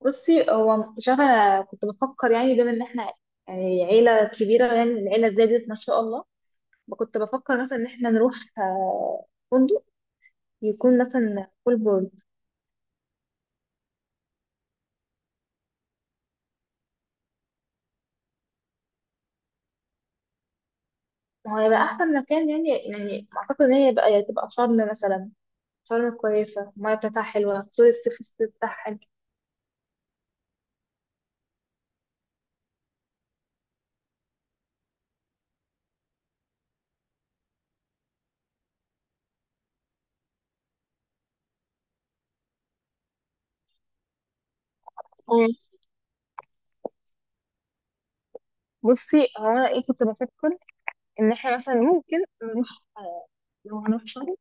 بصي، هو مش عارفه. انا كنت بفكر يعني، بما ان احنا، يعني عيله كبيره يعني، العيله زادت ما شاء الله. فكنت بفكر مثلا ان احنا نروح فندق، يكون مثلا فول بورد. ما هو هيبقى احسن مكان، يعني اعتقد ان هي بقى تبقى شرم مثلا. شرم كويسه، الميه بتاعتها حلوه، طول الصيف بتاعها حلو. آه، بصي، هو انا ايه كنت بفكر ان احنا مثلا ممكن نروح. لو هنروح شرم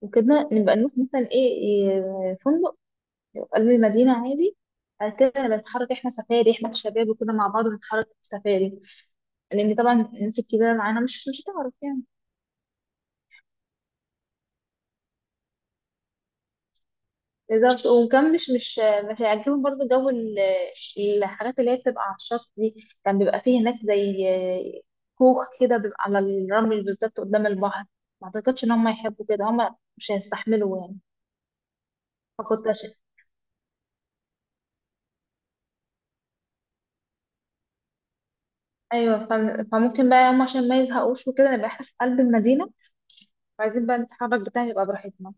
وكده، نبقى نروح مثلا ايه إيه، فندق في قلب المدينة عادي. بعد كده أنا بنتحرك، احنا سفاري، احنا الشباب وكده مع بعض بنتحرك في سفاري، لأن طبعا الناس الكبيرة معانا مش هتعرف يعني. بالظبط. وكان مش هيعجبهم برضه جو الحاجات اللي هي بتبقى على الشط دي. كان بيبقى فيه هناك زي كوخ كده، بيبقى على الرمل بالظبط قدام البحر. ما أعتقدش إن هم يحبوا كده، هم مش هيستحملوا يعني. فكنت عشان، أيوة، فممكن بقى هم عشان ما يزهقوش وكده نبقى احنا في قلب المدينة، وعايزين بقى نتحرك بتاعي يبقى براحتنا.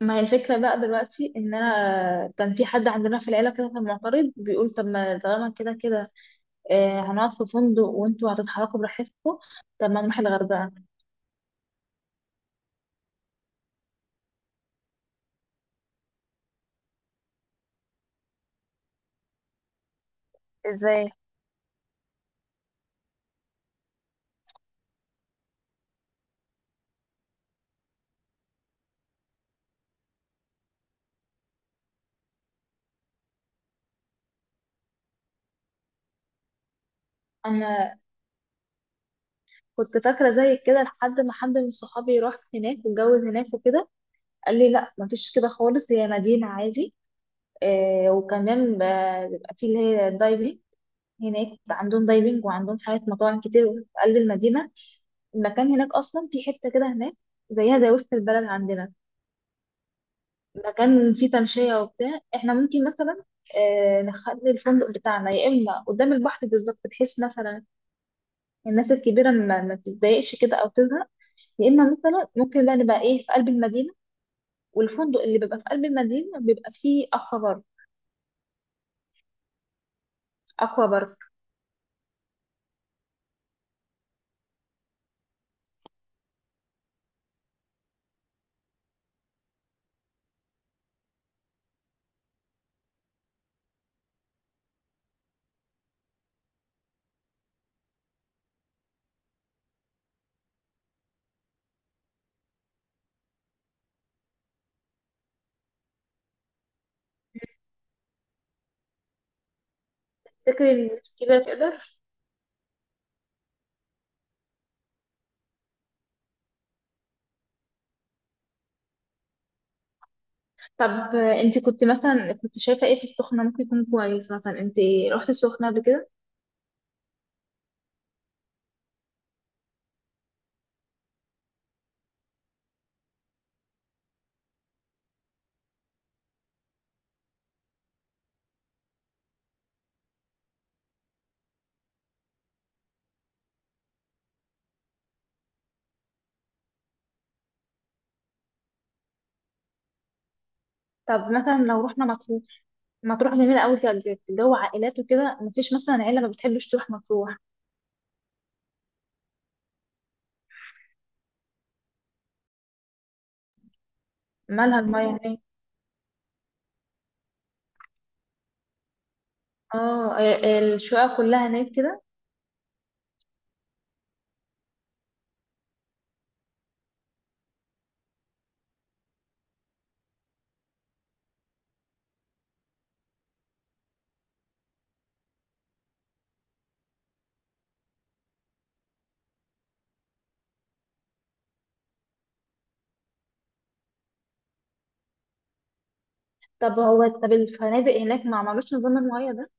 ما هي الفكرة بقى دلوقتي إن أنا، كان في حد عندنا في العيلة كده كان معترض، بيقول: طب، ما طالما كده كده هنقعد في فندق وانتوا هتتحركوا براحتكم، طب ما نروح الغردقة. ازاي؟ أنا كنت فاكرة زي كده لحد ما حد من صحابي راح هناك واتجوز هناك وكده، قال لي: لا، مفيش كده خالص، هي مدينة عادي. وكمان بيبقى في اللي هي الدايفنج. هناك عندهم دايفنج، وعندهم حاجات، مطاعم كتير في قلب المدينة. المكان هناك أصلا، في حتة كده هناك زيها زي وسط البلد عندنا، مكان فيه تمشية وبتاع. احنا ممكن مثلا نخلي الفندق بتاعنا يا اما قدام البحر بالظبط، بحيث مثلا الناس الكبيرة ما تتضايقش كده او تزهق، يا اما مثلا ممكن بقى نبقى ايه في قلب المدينة، والفندق اللي بيبقى في قلب المدينة بيبقى فيه اكوا بارك. اكوا بارك. تفتكر الناس الكبيرة تقدر؟ طب، انت كنت مثلا، كنت شايفة ايه في السخنة ممكن يكون كويس؟ مثلا انت رحت السخنة قبل كده؟ طب مثلا لو رحنا مطروح، مطروح جميلة قوي كده، جو عائلات وكده، مفيش مثلا عيلة ما بتحبش تروح مطروح. مالها المية هناك؟ اه، الشقق كلها هناك كده. طب الفنادق هناك ما عملوش نظام المية ده؟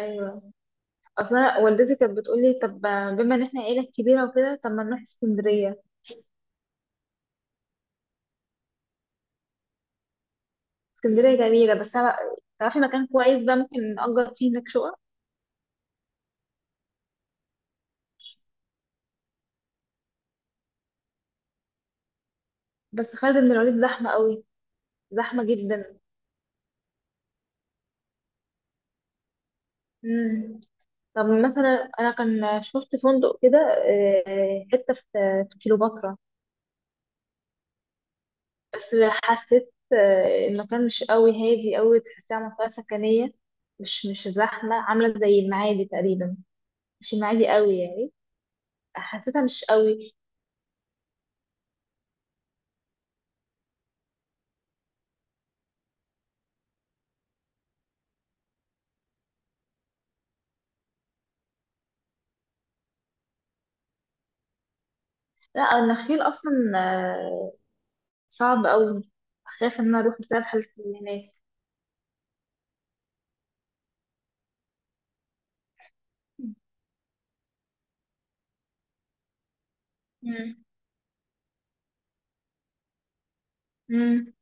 ايوه. اصلا والدتي كانت بتقول لي: طب، بما ان احنا عيله كبيره وكده، طب ما نروح اسكندريه. اسكندريه جميله، بس تعرفي مكان كويس بقى ممكن نأجر فيه هناك شقق؟ بس خالد بن الوليد زحمه قوي، زحمه جدا. امم. طب مثلا انا كان شفت فندق كده حته في كيلوباترا، بس حسيت المكان مش قوي هادي، قوي تحسيها منطقة سكنية، مش زحمة، عاملة زي المعادي تقريبا، مش المعادي قوي يعني، حسيتها مش قوي. لا، النخيل أصلا آه، صعب قوي، خايفة إن أنا أروح بسبب الحالات اللي هناك. مم. مم.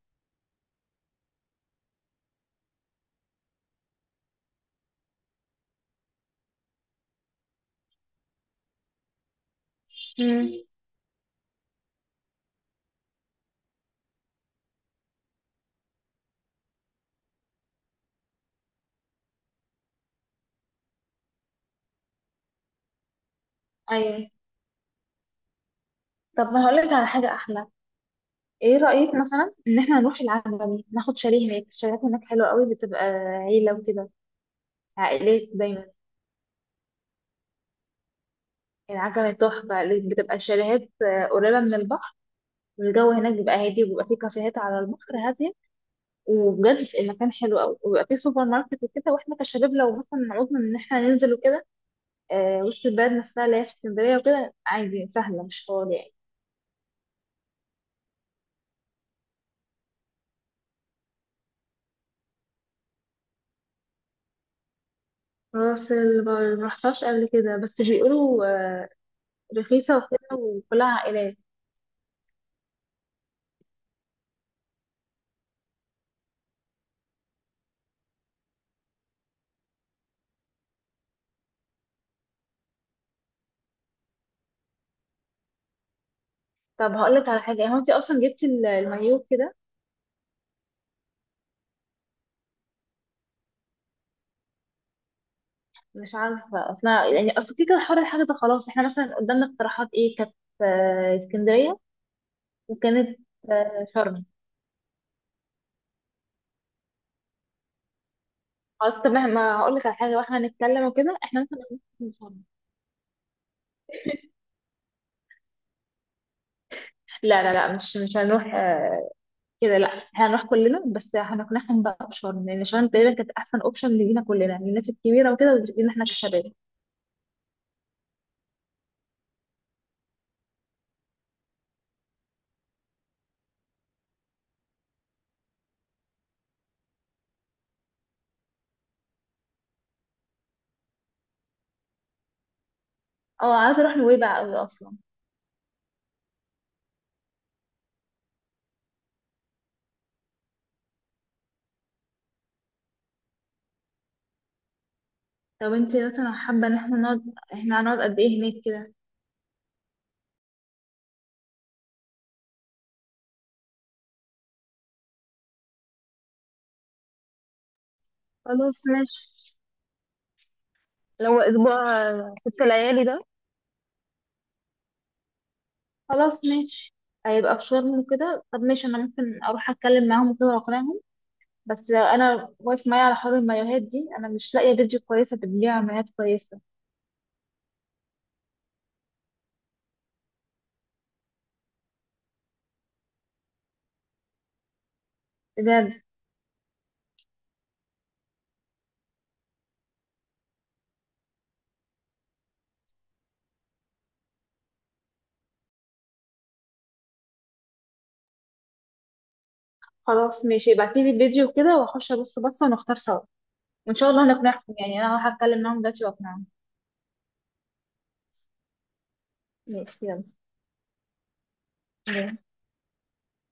مم. أيوة. طب ما هقولك على حاجة أحلى. ايه رأيك مثلا ان احنا نروح العجمي، ناخد شاليه هناك؟ الشاليهات هناك حلوة قوي، بتبقى عيلة وكده، عائلات دايما. العجمي تحفة، اللي بتبقى شاليهات قريبة من البحر. الجو هناك بيبقى هادي، وبيبقى فيه كافيهات على البحر هادية، وبجد المكان حلو قوي، وبيبقى فيه سوبر ماركت وكده. واحنا كشباب لو مثلا عوزنا ان احنا ننزل وكده، وسط البلد نفسها اللي هي في اسكندرية وكده عادي سهلة، مش طوال يعني. راس ال- ما رحتهاش قبل كده، بس بيقولوا رخيصة وكده وكلها عائلات. طب هقولك على حاجة، هو انت اصلا جبتي المايوه كده؟ مش عارفة أصلا يعني. أصل كده كده حوار الحجز خلاص. احنا مثلا قدامنا اقتراحات ايه كانت؟ اسكندرية، وكانت شرم. خلاص، طب ما هقول لك على حاجة، واحنا هنتكلم وكده، احنا مثلا هنروح شرم. لا، لا، لا، مش هنروح كده. لا، احنا هنروح كلنا، بس هنقنعهم بقى بشرم، لأن شرم تقريبا كانت أحسن أوبشن لينا كلنا، للناس الكبيرة وكده ولينا احنا كشباب. اه، عايزة أروح نويبع أوي أصلا. طب انت مثلا حابة ان احنا نقعد، احنا هنقعد قد ايه هناك كده؟ خلاص ماشي، لو اسبوع 6 ليالي ده. خلاص ماشي، هيبقى في شرم وكده. طب ماشي، انا ممكن اروح اتكلم معاهم وكده واقنعهم. بس انا واقف معايا على حوار المايوهات دي، انا مش لاقيه بيدج كويسه بتبيع مايوهات كويسه. بجد. خلاص ماشي، ابعتيلي البيدج وكده واخش ابص بصه ونختار سوا، وان شاء الله نقنعهم. يعني انا هروح اتكلم معاهم دلوقتي واقنعهم. ماشي. يلا.